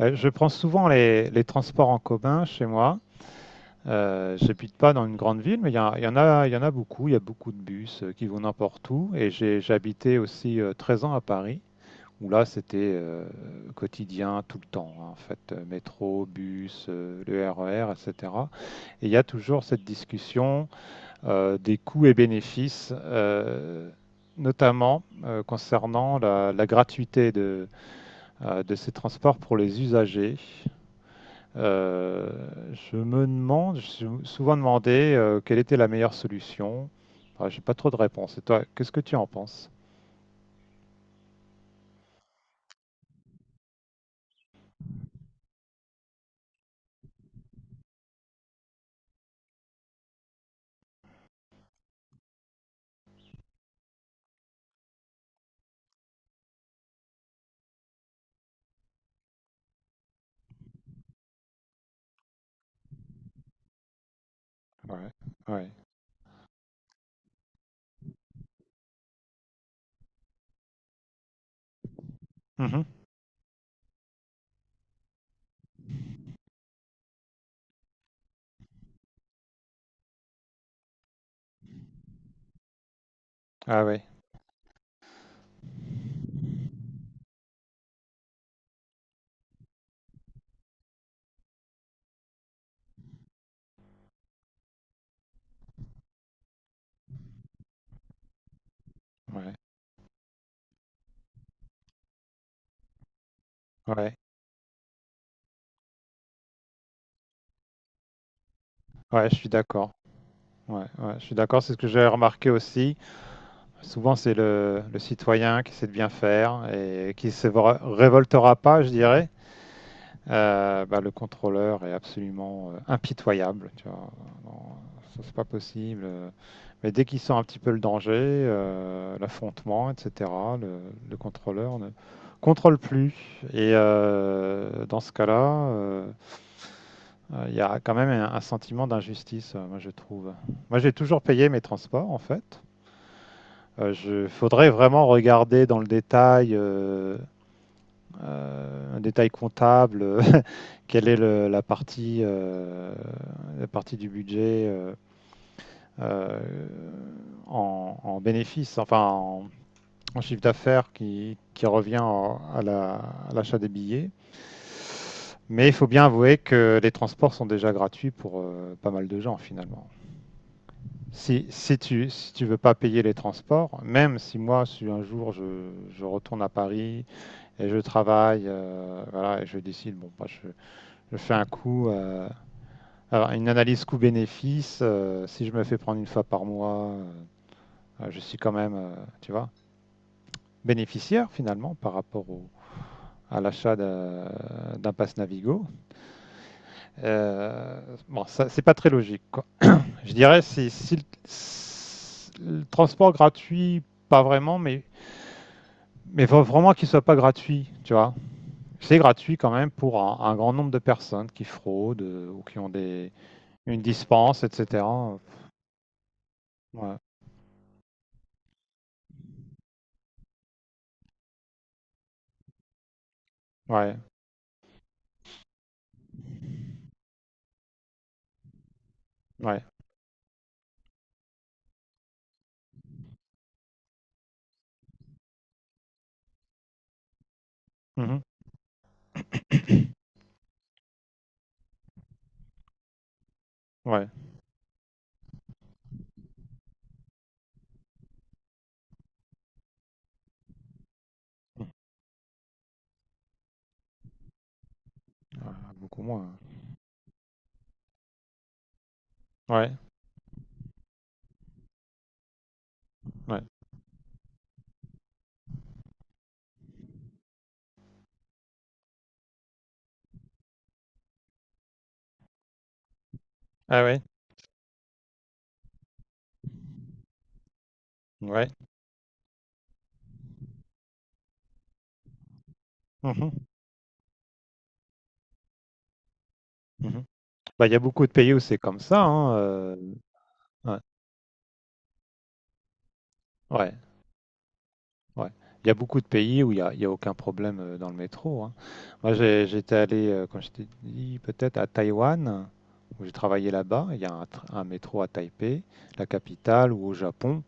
Je prends souvent les transports en commun chez moi. J'habite pas dans une grande ville, mais il y en a, il y en a beaucoup. Il y a beaucoup de bus qui vont n'importe où. Et j'ai habité aussi 13 ans à Paris, où là c'était quotidien tout le temps, hein, en fait. Métro, bus, le RER, etc. Et cetera. Et il y a toujours cette discussion des coûts et bénéfices, notamment concernant la gratuité de ces transports pour les usagers. Euh, je me suis souvent demandé quelle était la meilleure solution. Ah, j'ai pas trop de réponses. Et toi, qu'est-ce que tu en penses? Ouais, ouais. Mhm. Ah ouais, ouais, ouais, ouais, je suis d'accord. Ouais, ouais, je suis d'accord, c'est ce que j'ai remarqué aussi. Souvent, c'est le citoyen qui essaie de bien faire et qui se révoltera pas, je dirais. Bah, le contrôleur est absolument impitoyable. Tu vois. Non, ça, c'est pas possible. Mais dès qu'il sent un petit peu le danger, l'affrontement, etc., le, le contrôleur ne contrôle plus. Et dans ce cas-là, il y a quand même un sentiment d'injustice, moi je trouve. Moi j'ai toujours payé mes transports en fait. Il faudrait vraiment regarder dans le détail un détail comptable, quelle est la partie du budget euh, en en chiffre d'affaires qui revient à l'achat des billets. Mais il faut bien avouer que les transports sont déjà gratuits pour pas mal de gens finalement. Si tu veux pas payer les transports, même si moi, si un jour je retourne à Paris et je travaille, voilà, et je décide, bon, bah, je fais un coût, alors, une analyse coût-bénéfice, si je me fais prendre une fois par mois, je suis quand même, tu vois, bénéficiaire finalement par rapport à l'achat d'un pass Navigo. Euh, bon, ça, c'est pas très logique, quoi. Je dirais, si le transport gratuit, pas vraiment, mais faut vraiment qu'il soit pas gratuit, tu vois. C'est gratuit quand même pour un grand nombre de personnes qui fraudent ou qui ont une dispense, etc. Ouais, ouais, ouais. Mhm. Ouais. Mhm. Ah, beaucoup moins. Ouais, ouais. Ah ouais, ouais. Mhm. Mhm. Bah, il y a beaucoup de pays où c'est comme ça, hein. Ouais, ouais. Ouais. Il y a beaucoup de pays où il y a aucun problème dans le métro. Hein. Moi, j'étais allé, comme je t'ai dit, peut-être à Taïwan, où j'ai travaillé là-bas. Il y a un métro à Taipei, la capitale, ou au Japon.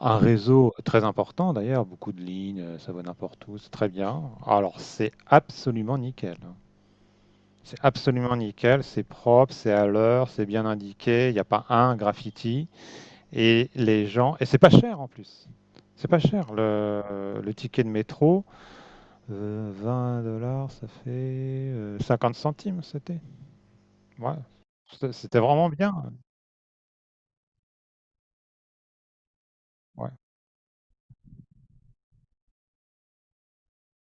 Un réseau très important d'ailleurs, beaucoup de lignes, ça va n'importe où, c'est très bien. Alors, c'est absolument nickel. Hein. C'est absolument nickel, c'est propre, c'est à l'heure, c'est bien indiqué, il n'y a pas un graffiti. Et les gens. Et c'est pas cher en plus. C'est pas cher. Le ticket de métro, 20 dollars, ça fait 50 centimes, c'était. Ouais. C'était vraiment bien. Ouais.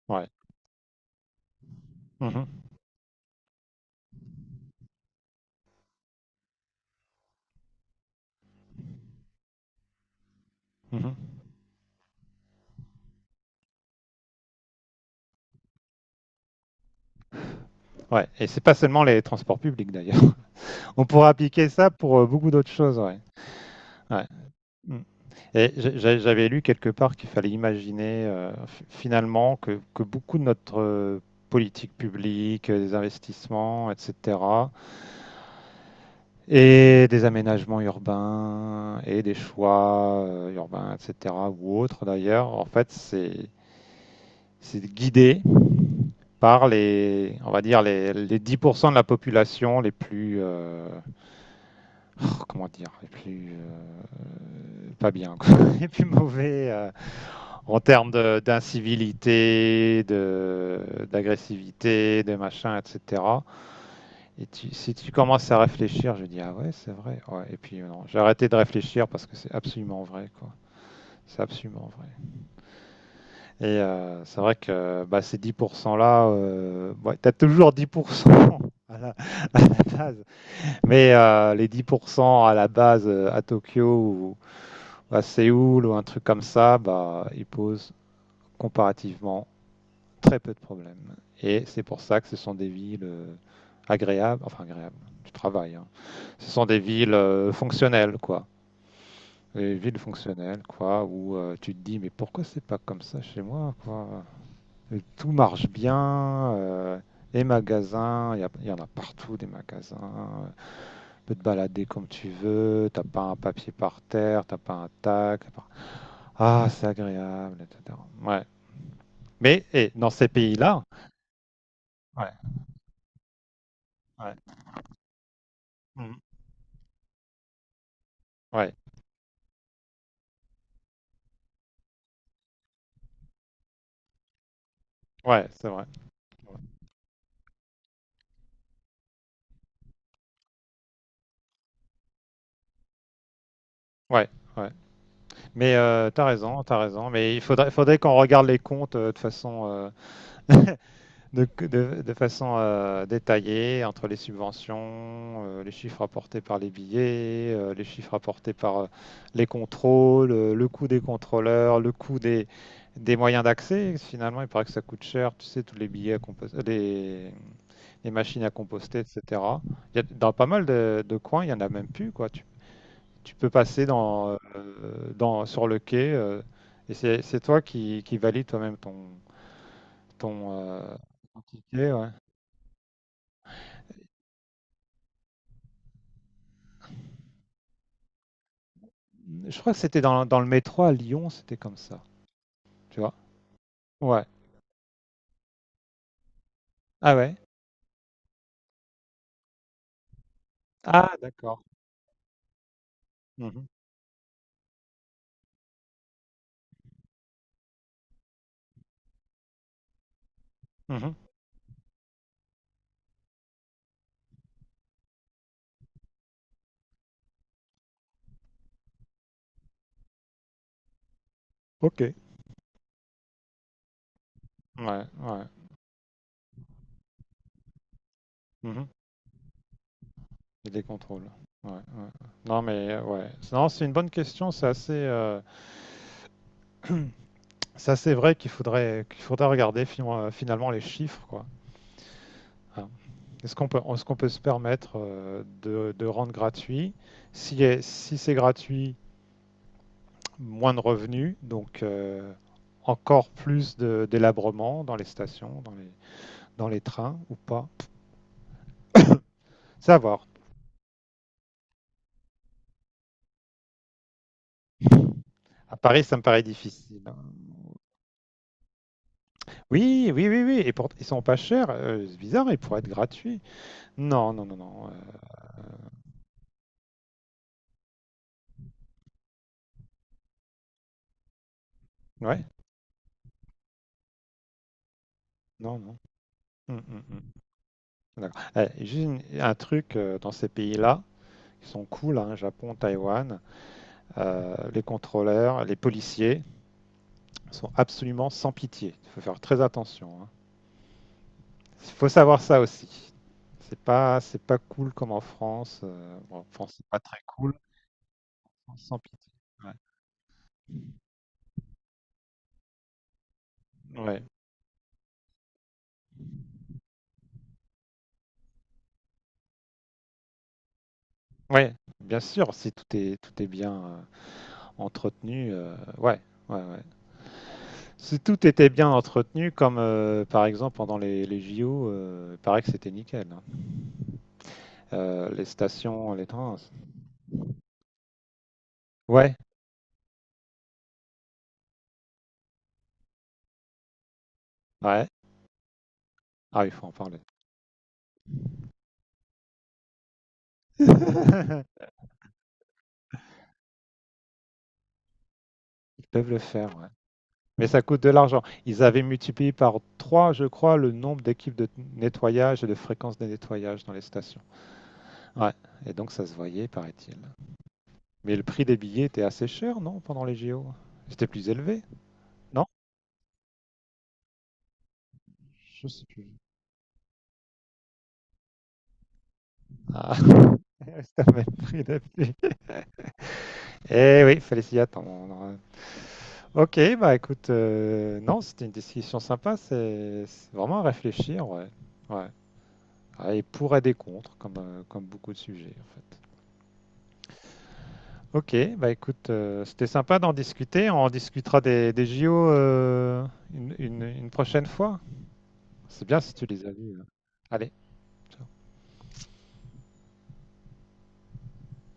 Ouais. Mhm, mhm. Ouais. Et c'est pas seulement les transports publics d'ailleurs. On pourrait appliquer ça pour beaucoup d'autres choses. Ouais. Ouais. Mm. Et j'avais lu quelque part qu'il fallait imaginer finalement que beaucoup de notre politique publique, des investissements, etc., et des aménagements urbains et des choix urbains, etc. ou autres d'ailleurs. En fait, c'est guidé par les, on va dire les 10% de la population les plus, oh, comment dire, les plus pas bien, quoi, les plus mauvais en termes d'incivilité, d'agressivité, de, machin, etc. Et si tu commences à réfléchir, je dis ah ouais, c'est vrai. Ouais. Et puis non, j'ai arrêté de réfléchir parce que c'est absolument vrai, quoi. C'est absolument vrai. Et c'est vrai que bah, ces 10% là, ouais, t'as toujours 10% à la, à la base. Mais les 10% à la base à Tokyo ou à Séoul ou un truc comme ça, bah, ils posent comparativement très peu de problèmes. Et c'est pour ça que ce sont des villes agréables, enfin agréables. Tu travailles, hein. Ce sont des villes fonctionnelles, quoi. Des villes fonctionnelles, quoi, où tu te dis, mais pourquoi c'est pas comme ça chez moi, quoi? Et tout marche bien, les magasins, il y en a partout des magasins. Tu peux te balader comme tu veux, t'as pas un papier par terre, t'as pas un tac. T'as pas- Ah, c'est agréable, etc. Ouais. Mais et dans ces pays-là, ouais, ouais, mhm, ouais, ouais, c'est vrai. Ouais, ouais. Mais t'as raison, t'as raison. Mais il faudrait qu'on regarde les comptes de façon, de façon détaillée entre les subventions, les chiffres apportés par les billets, les chiffres apportés par les contrôles, le coût des contrôleurs, le coût des moyens d'accès. Finalement, il paraît que ça coûte cher, tu sais, tous les billets les machines à composter, etc. Il y a, dans pas mal de coins, il y en a même plus, quoi. Tu peux passer sur le quai et c'est toi qui valide toi-même ton, euh, ton ticket. Ouais. Je crois que c'était dans le métro à Lyon, c'était comme ça. Tu vois? Ouais. Ah ouais? Ah, d'accord. Mhm, mhm. Ok. Ouais, ouais. Mhm. Et des contrôles. Ouais, ouais. Non, mais ouais. Non, c'est une bonne question. C'est assez vrai qu'il faudrait regarder finalement les chiffres, quoi. Ah. est-ce qu'on peut se permettre de rendre gratuit? Si c'est gratuit, moins de revenus, donc encore plus délabrement dans les stations, dans les trains ou pas? C'est à voir. À Paris, ça me paraît difficile. Hein. Oui, oui, oui, oui. Ils sont pas chers. C'est bizarre, ils pourraient être gratuits. Non, non, non, non. Ouais, non, non. Mm, mm, mm. D'accord. Eh, juste un truc dans ces pays-là, qui sont cool, hein, Japon, Taïwan. Les contrôleurs, les policiers sont absolument sans pitié. Il faut faire très attention. Hein. Il faut savoir ça aussi. C'est pas cool comme en France. Bon, en France, c'est pas très cool, sans pitié. Ouais. Ouais. Ouais, bien sûr, si tout est bien entretenu, ouais, ouais, ouais. Si tout était bien entretenu, comme par exemple pendant les JO, il paraît que c'était nickel. Hein. Les stations, les trains. Ouais, ouais. Ah, il faut en parler. Ils peuvent le faire, ouais. Mais ça coûte de l'argent. Ils avaient multiplié par 3, je crois, le nombre d'équipes de nettoyage et de fréquence des nettoyages dans les stations. Ouais, et donc ça se voyait, paraît-il. Mais le prix des billets était assez cher, non, pendant les JO? C'était plus élevé, non? Je sais plus. Ah, c'était le même prix d'habitude. Eh oui, fallait s'y attendre. Ok, bah écoute, non, c'était une discussion sympa, c'est vraiment à réfléchir, ouais. Ouais. Ah, et pour et des contre, comme beaucoup de sujets en fait. Ok, bah écoute, c'était sympa d'en discuter. On en discutera des JO une prochaine fois. C'est bien si tu les as vus. Hein. Allez.